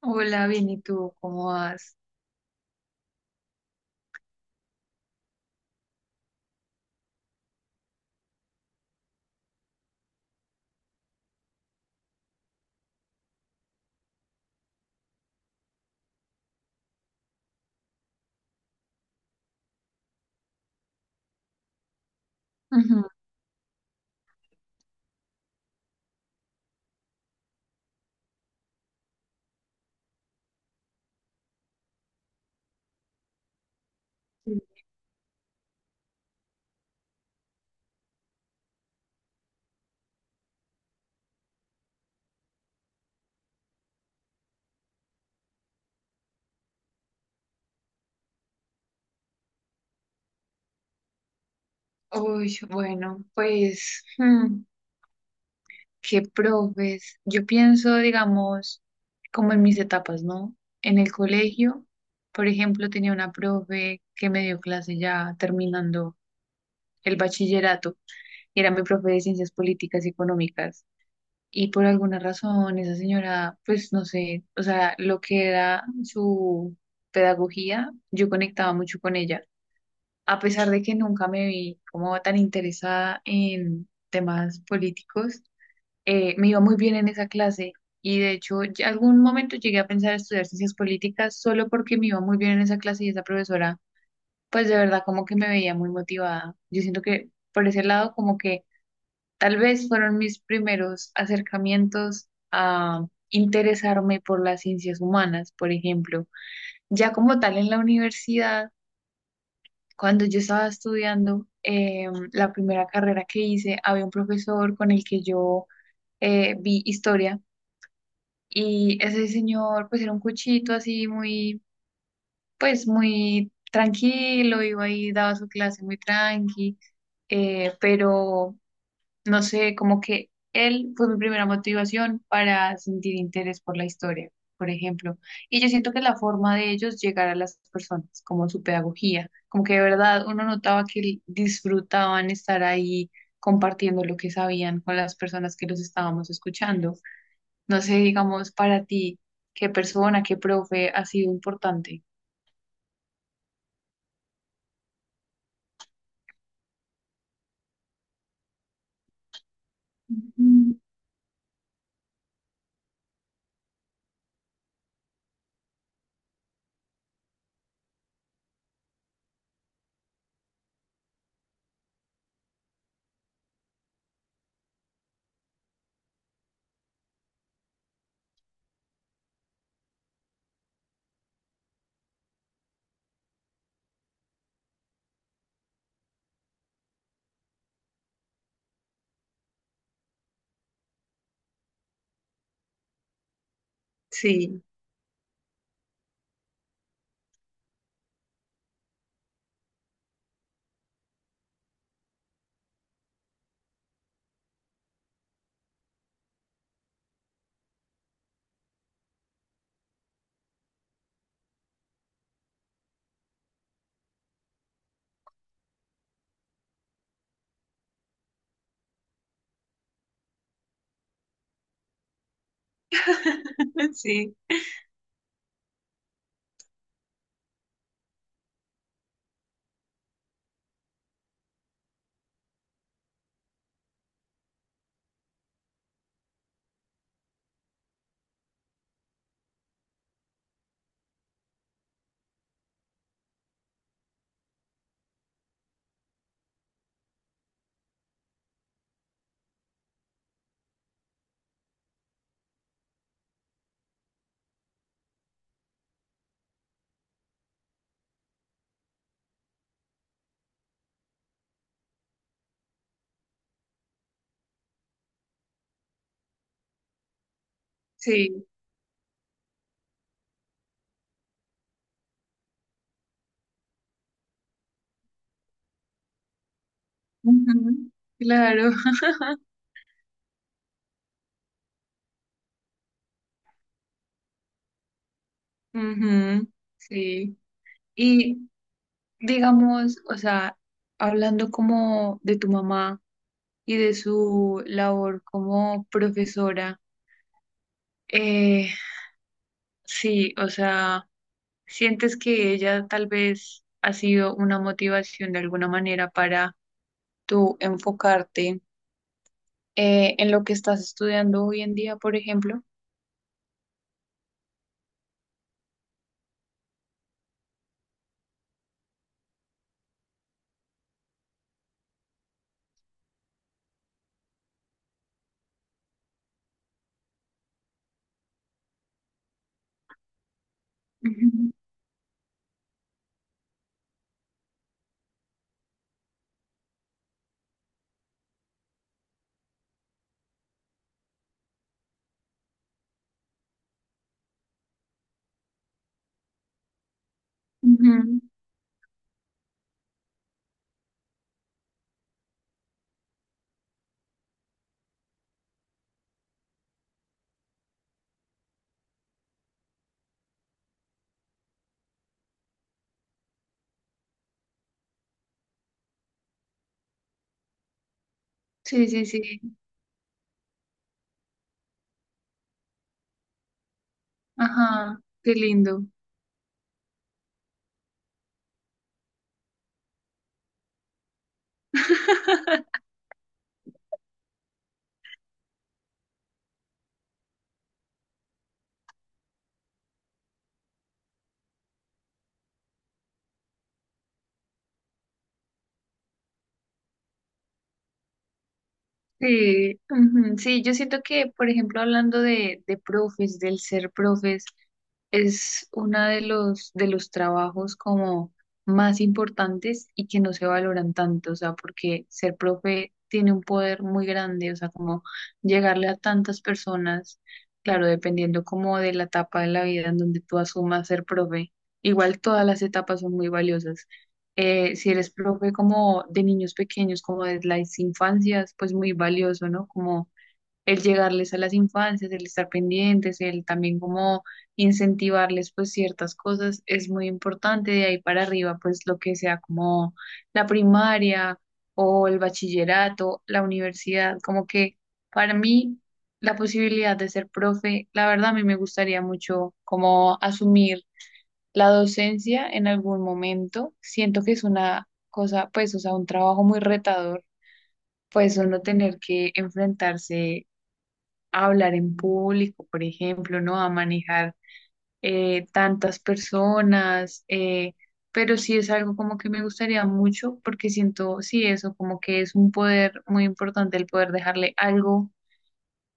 Hola, bien, ¿y tú cómo vas? Ujú. Uy, bueno, pues, qué profes. Yo pienso, digamos, como en mis etapas, ¿no? En el colegio, por ejemplo, tenía una profe que me dio clase ya terminando el bachillerato. Era mi profe de ciencias políticas y económicas. Y por alguna razón, esa señora, pues no sé, o sea, lo que era su pedagogía, yo conectaba mucho con ella. A pesar de que nunca me vi como tan interesada en temas políticos, me iba muy bien en esa clase y de hecho ya algún momento llegué a pensar estudiar ciencias políticas solo porque me iba muy bien en esa clase y esa profesora, pues de verdad como que me veía muy motivada. Yo siento que por ese lado como que tal vez fueron mis primeros acercamientos a interesarme por las ciencias humanas, por ejemplo. Ya como tal en la universidad cuando yo estaba estudiando la primera carrera que hice, había un profesor con el que yo vi historia y ese señor pues era un cuchito así muy, pues muy tranquilo, iba ahí, daba su clase muy tranqui, pero no sé, como que él fue mi primera motivación para sentir interés por la historia, por ejemplo. Y yo siento que la forma de ellos llegar a las personas, como su pedagogía, como que de verdad uno notaba que disfrutaban estar ahí compartiendo lo que sabían con las personas que los estábamos escuchando. No sé, digamos, para ti, qué persona, qué profe ha sido importante. Ujú. Sí, sí, sí. Ujú. Claro. Ujú, sí. Y digamos, o sea, hablando como de tu mamá y de su labor como profesora, eh, sí, o sea, ¿sientes que ella tal vez ha sido una motivación de alguna manera para tú enfocarte en lo que estás estudiando hoy en día, por ejemplo? Ujú, ujú. Sí, sí, sí. Ajá, qué lindo. Sí, ujú, sí, yo siento que, por ejemplo, hablando de profes, del ser profes, es uno de los trabajos como más importantes y que no se valoran tanto, o sea, porque ser profe tiene un poder muy grande, o sea, como llegarle a tantas personas, claro, dependiendo como de la etapa de la vida en donde tú asumas ser profe, igual todas las etapas son muy valiosas. Si eres profe como de niños pequeños, como de las infancias, pues muy valioso, ¿no? Como el llegarles a las infancias, el estar pendientes, el también como incentivarles pues ciertas cosas es muy importante. De ahí para arriba, pues lo que sea como la primaria o el bachillerato, la universidad, como que para mí la posibilidad de ser profe, la verdad a mí me gustaría mucho como asumir la docencia en algún momento. Siento que es una cosa, pues, o sea, un trabajo muy retador, pues uno tener que enfrentarse a hablar en público, por ejemplo, ¿no? A manejar tantas personas, pero sí es algo como que me gustaría mucho porque siento, sí, eso como que es un poder muy importante el poder dejarle algo,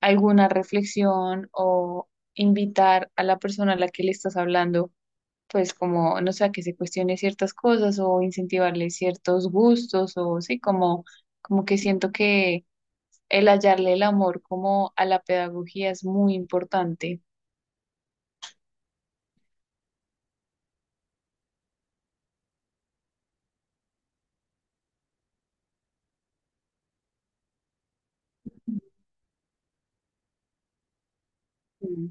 alguna reflexión o invitar a la persona a la que le estás hablando pues como, no sé, a que se cuestione ciertas cosas o incentivarle ciertos gustos o sí, como, como que siento que el hallarle el amor como a la pedagogía es muy importante. Ujú.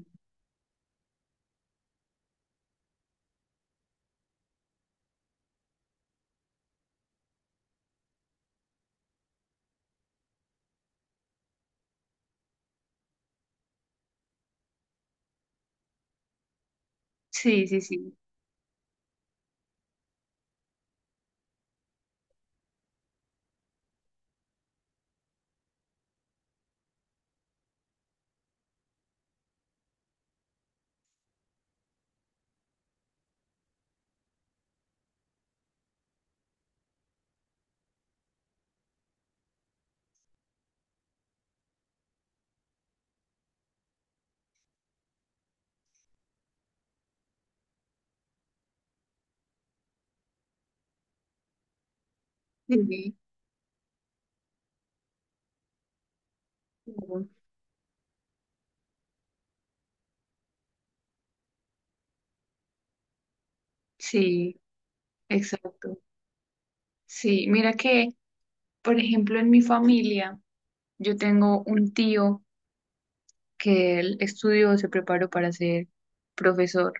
Sí, sí, sí, sí, claro. Sí, exacto. Sí, mira que, por ejemplo, en mi familia, yo tengo un tío que él estudió, se preparó para ser profesor.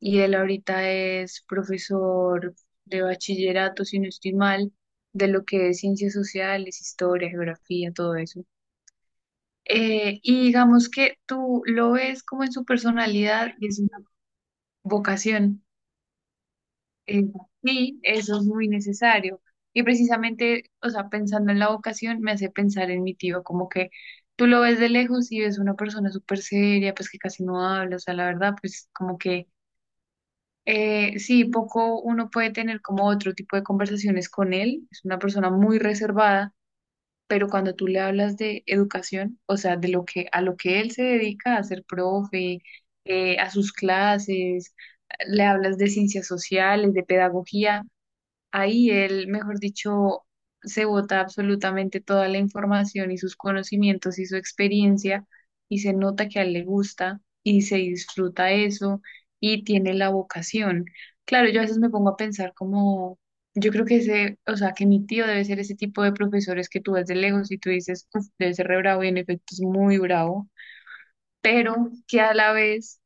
Y él ahorita es profesor de bachillerato, si no estoy mal, de lo que es ciencias sociales, historia, geografía, todo eso. Y digamos que tú lo ves como en su personalidad y es una vocación. Eh, sí, eso es muy necesario. Y precisamente, o sea, pensando en la vocación, me hace pensar en mi tío, como que tú lo ves de lejos y ves una persona súper seria, pues que casi no habla, o sea, la verdad, pues como que sí, poco uno puede tener como otro tipo de conversaciones con él. Es una persona muy reservada, pero cuando tú le hablas de educación, o sea, de lo que a lo que él se dedica, a ser profe, a sus clases, le hablas de ciencias sociales, de pedagogía, ahí él, mejor dicho, se bota absolutamente toda la información y sus conocimientos y su experiencia y se nota que a él le gusta y se disfruta eso y tiene la vocación. Claro, yo a veces me pongo a pensar como, yo creo que ese, o sea, que mi tío debe ser ese tipo de profesores que tú ves de lejos y tú dices, "Uf, debe ser re bravo y en efecto es muy bravo, pero que a la vez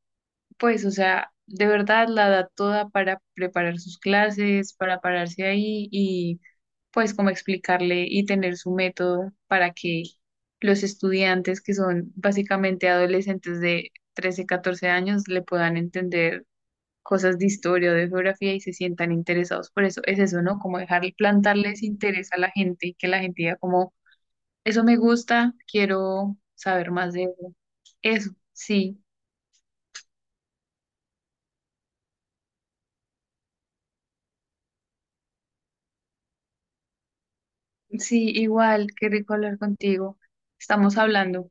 pues, o sea, de verdad la da toda para preparar sus clases, para pararse ahí y pues como explicarle y tener su método para que los estudiantes que son básicamente adolescentes de 13 14 años le puedan entender cosas de historia o de geografía y se sientan interesados. Por eso es eso, ¿no? Como dejar plantarles interés a la gente y que la gente diga como, eso me gusta, quiero saber más de eso. Eso, sí. Sí, igual, qué rico hablar contigo. Estamos hablando.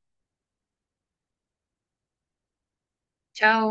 Chao.